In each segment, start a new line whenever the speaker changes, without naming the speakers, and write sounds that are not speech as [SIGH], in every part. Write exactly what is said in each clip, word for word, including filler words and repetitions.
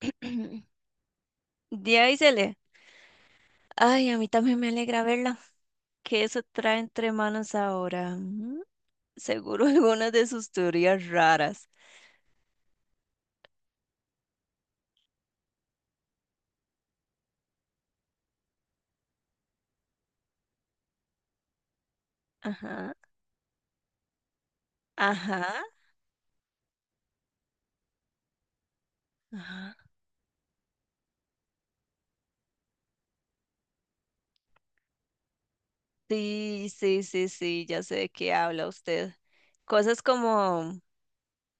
[CLEARS THROAT] Díazele. Ay, a mí también me alegra verla. ¿Qué eso trae entre manos ahora? Mm, Seguro [LAUGHS] algunas de sus teorías raras. Ajá, ajá, ajá. Sí, sí, sí, sí, ya sé de qué habla usted. Cosas como,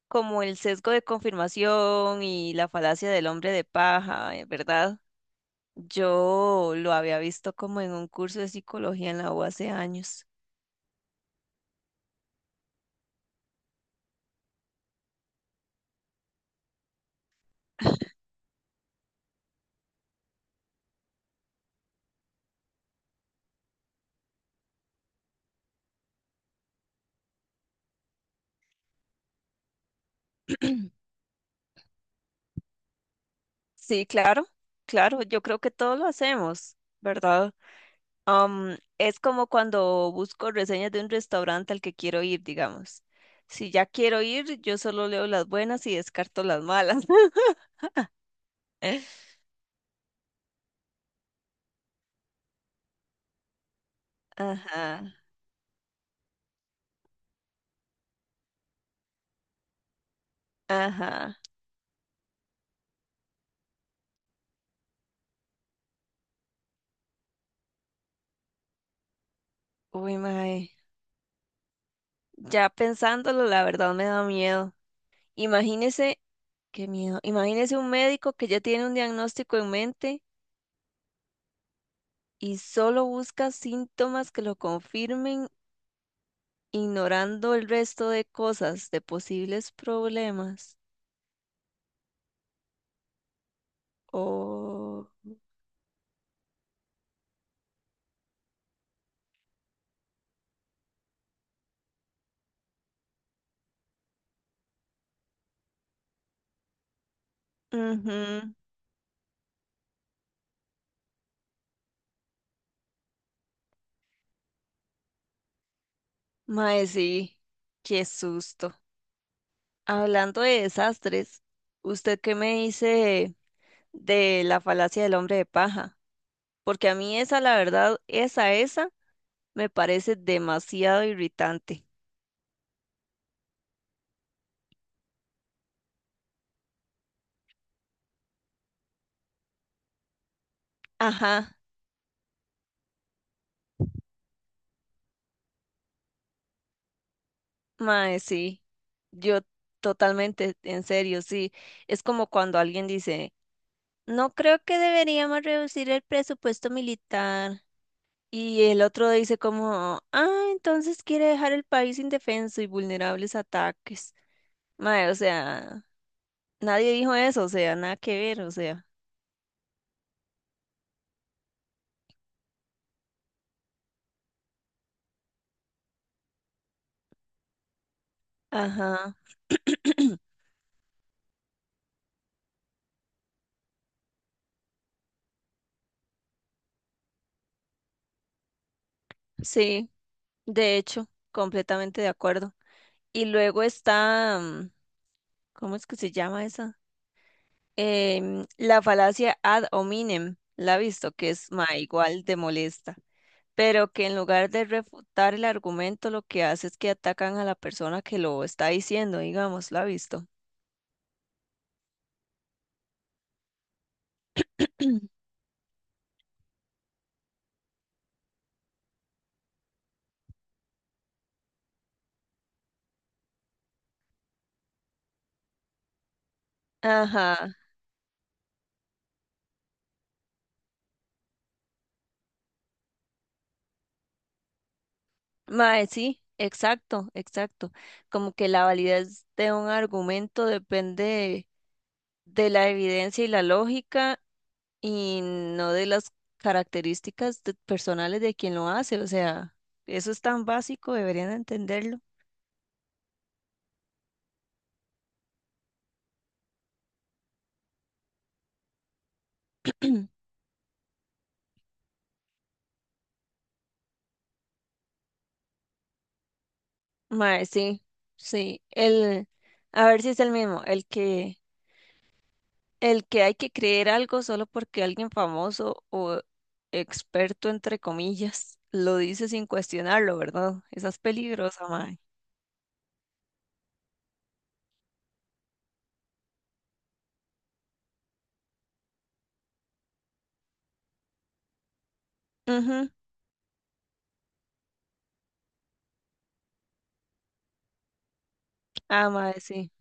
como el sesgo de confirmación y la falacia del hombre de paja, eh, ¿verdad? Yo lo había visto como en un curso de psicología en la U hace años. Sí, claro, claro, yo creo que todos lo hacemos, ¿verdad? Am, es como cuando busco reseñas de un restaurante al que quiero ir, digamos. Si ya quiero ir, yo solo leo las buenas y descarto las malas. [LAUGHS] Ajá, ajá. Uy, mae. Ya pensándolo, la verdad me da miedo. Imagínese, qué miedo. Imagínese un médico que ya tiene un diagnóstico en mente y solo busca síntomas que lo confirmen, ignorando el resto de cosas, de posibles problemas. Oh. Ujú. Mae, sí, qué susto. Hablando de desastres, ¿usted qué me dice de la falacia del hombre de paja? Porque a mí esa, la verdad, esa, esa, me parece demasiado irritante. Ajá, mae, sí. Yo totalmente, en serio, sí. Es como cuando alguien dice, no creo que deberíamos reducir el presupuesto militar. Y el otro dice como, ah, entonces quiere dejar el país indefenso y vulnerables a ataques. Mae, o sea, nadie dijo eso, o sea, nada que ver, o sea. Ajá. [CLEARS THROAT] Sí, de hecho, completamente de acuerdo. Y luego está, mm, ¿cómo es que se llama esa? Em, la falacia ad hominem, la ha visto, que es, mae, igual de molesta. Pero que en lugar de refutar el argumento, lo que hace es que atacan a la persona que lo está diciendo, digamos, la ha visto. [CLEARS THROAT] Ajá, mae, sí, exacto, exacto. Como que la validez de un argumento depende de la evidencia y la lógica y no de las características de- personales de quien lo hace. O sea, eso es tan básico, deberían entenderlo. [CLEARS THROAT] Mae, sí, sí. El, a ver si es el mismo, el que el que hay que creer algo solo porque alguien famoso o experto, entre comillas, [LAUGHS] lo dice sin cuestionarlo, ¿verdad? Esa es peligrosa, mae. Ujú. Ah, mae, sí.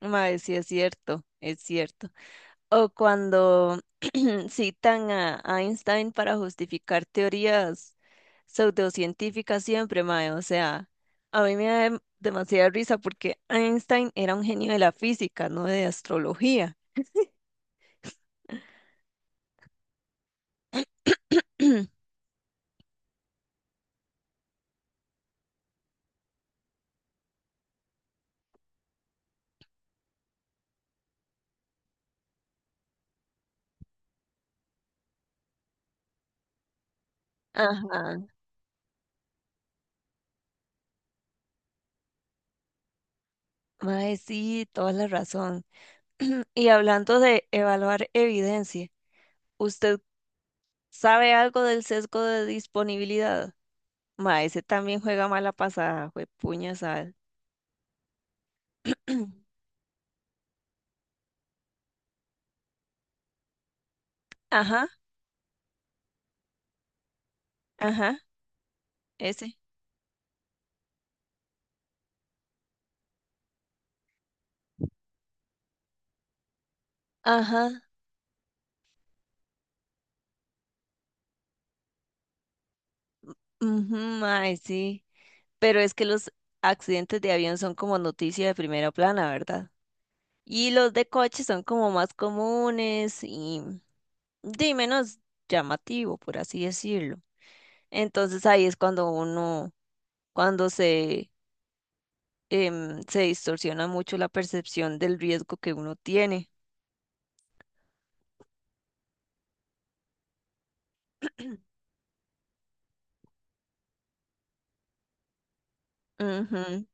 Mae, sí, es cierto, es cierto. O cuando [CLEARS THROAT] citan a Einstein para justificar teorías pseudocientíficas siempre, mae. O sea, a mí me da dem- demasiada risa porque Einstein era un genio de la física, no de astrología. [CLEARS THROAT] Ajá. Mae, sí, toda la razón. [CLEARS THROAT] Y hablando de evaluar evidencia, ¿usted sabe algo del sesgo de disponibilidad? Mae, ese también juega mala pasada, juepuñas al. [CLEARS THROAT] Ajá, ajá, ese. Ajá, ujú, mae, sí. Pero es que los accidentes de avión son como noticia de primera plana, ¿verdad? Y los de coche son como más comunes y de menos llamativo, por así decirlo. Entonces ahí es cuando uno cuando se, em, se distorsiona mucho la percepción del riesgo que uno tiene. [CLEARS THROAT] Ujú.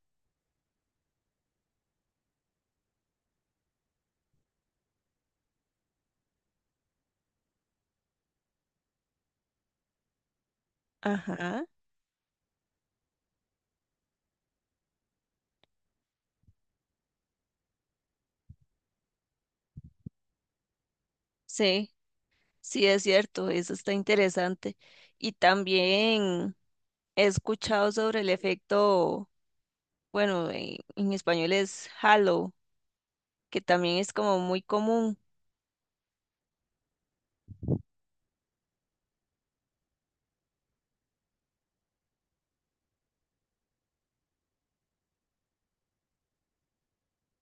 Ajá, sí, sí es cierto, eso está interesante. Y también he escuchado sobre el efecto, bueno, en, en español es halo, que también es como muy común.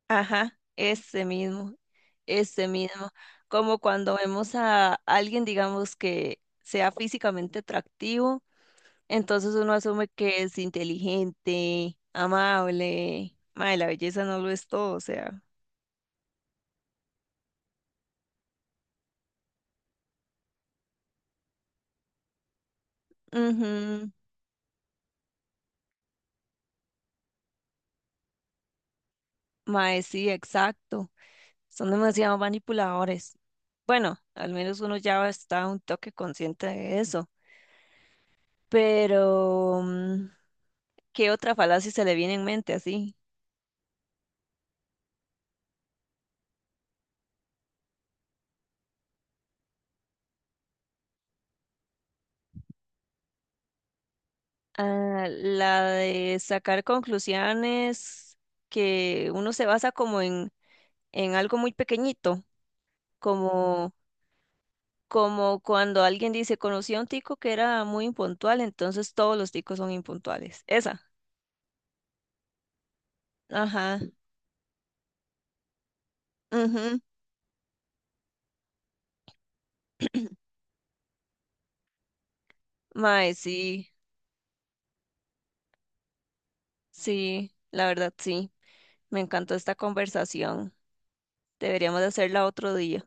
Ajá, ese mismo, ese mismo. Como cuando vemos a alguien, digamos, que sea físicamente atractivo, entonces uno asume que es inteligente, amable. Mae, la belleza no lo es todo, o sea. Ujú. Mae, sí, exacto. Son demasiado manipuladores. Bueno, al menos uno ya está un toque consciente de eso. Pero, mm, ¿qué otra falacia se le viene en mente así? Ah, la de sacar conclusiones que uno se basa como en, en algo muy pequeñito, como como cuando alguien dice, conocí a un tico que era muy impuntual, entonces todos los ticos son impuntuales. Esa. Ajá. Ujú. Mae, sí, sí, la verdad sí. Me encantó esta conversación. Deberíamos de hacerla otro día.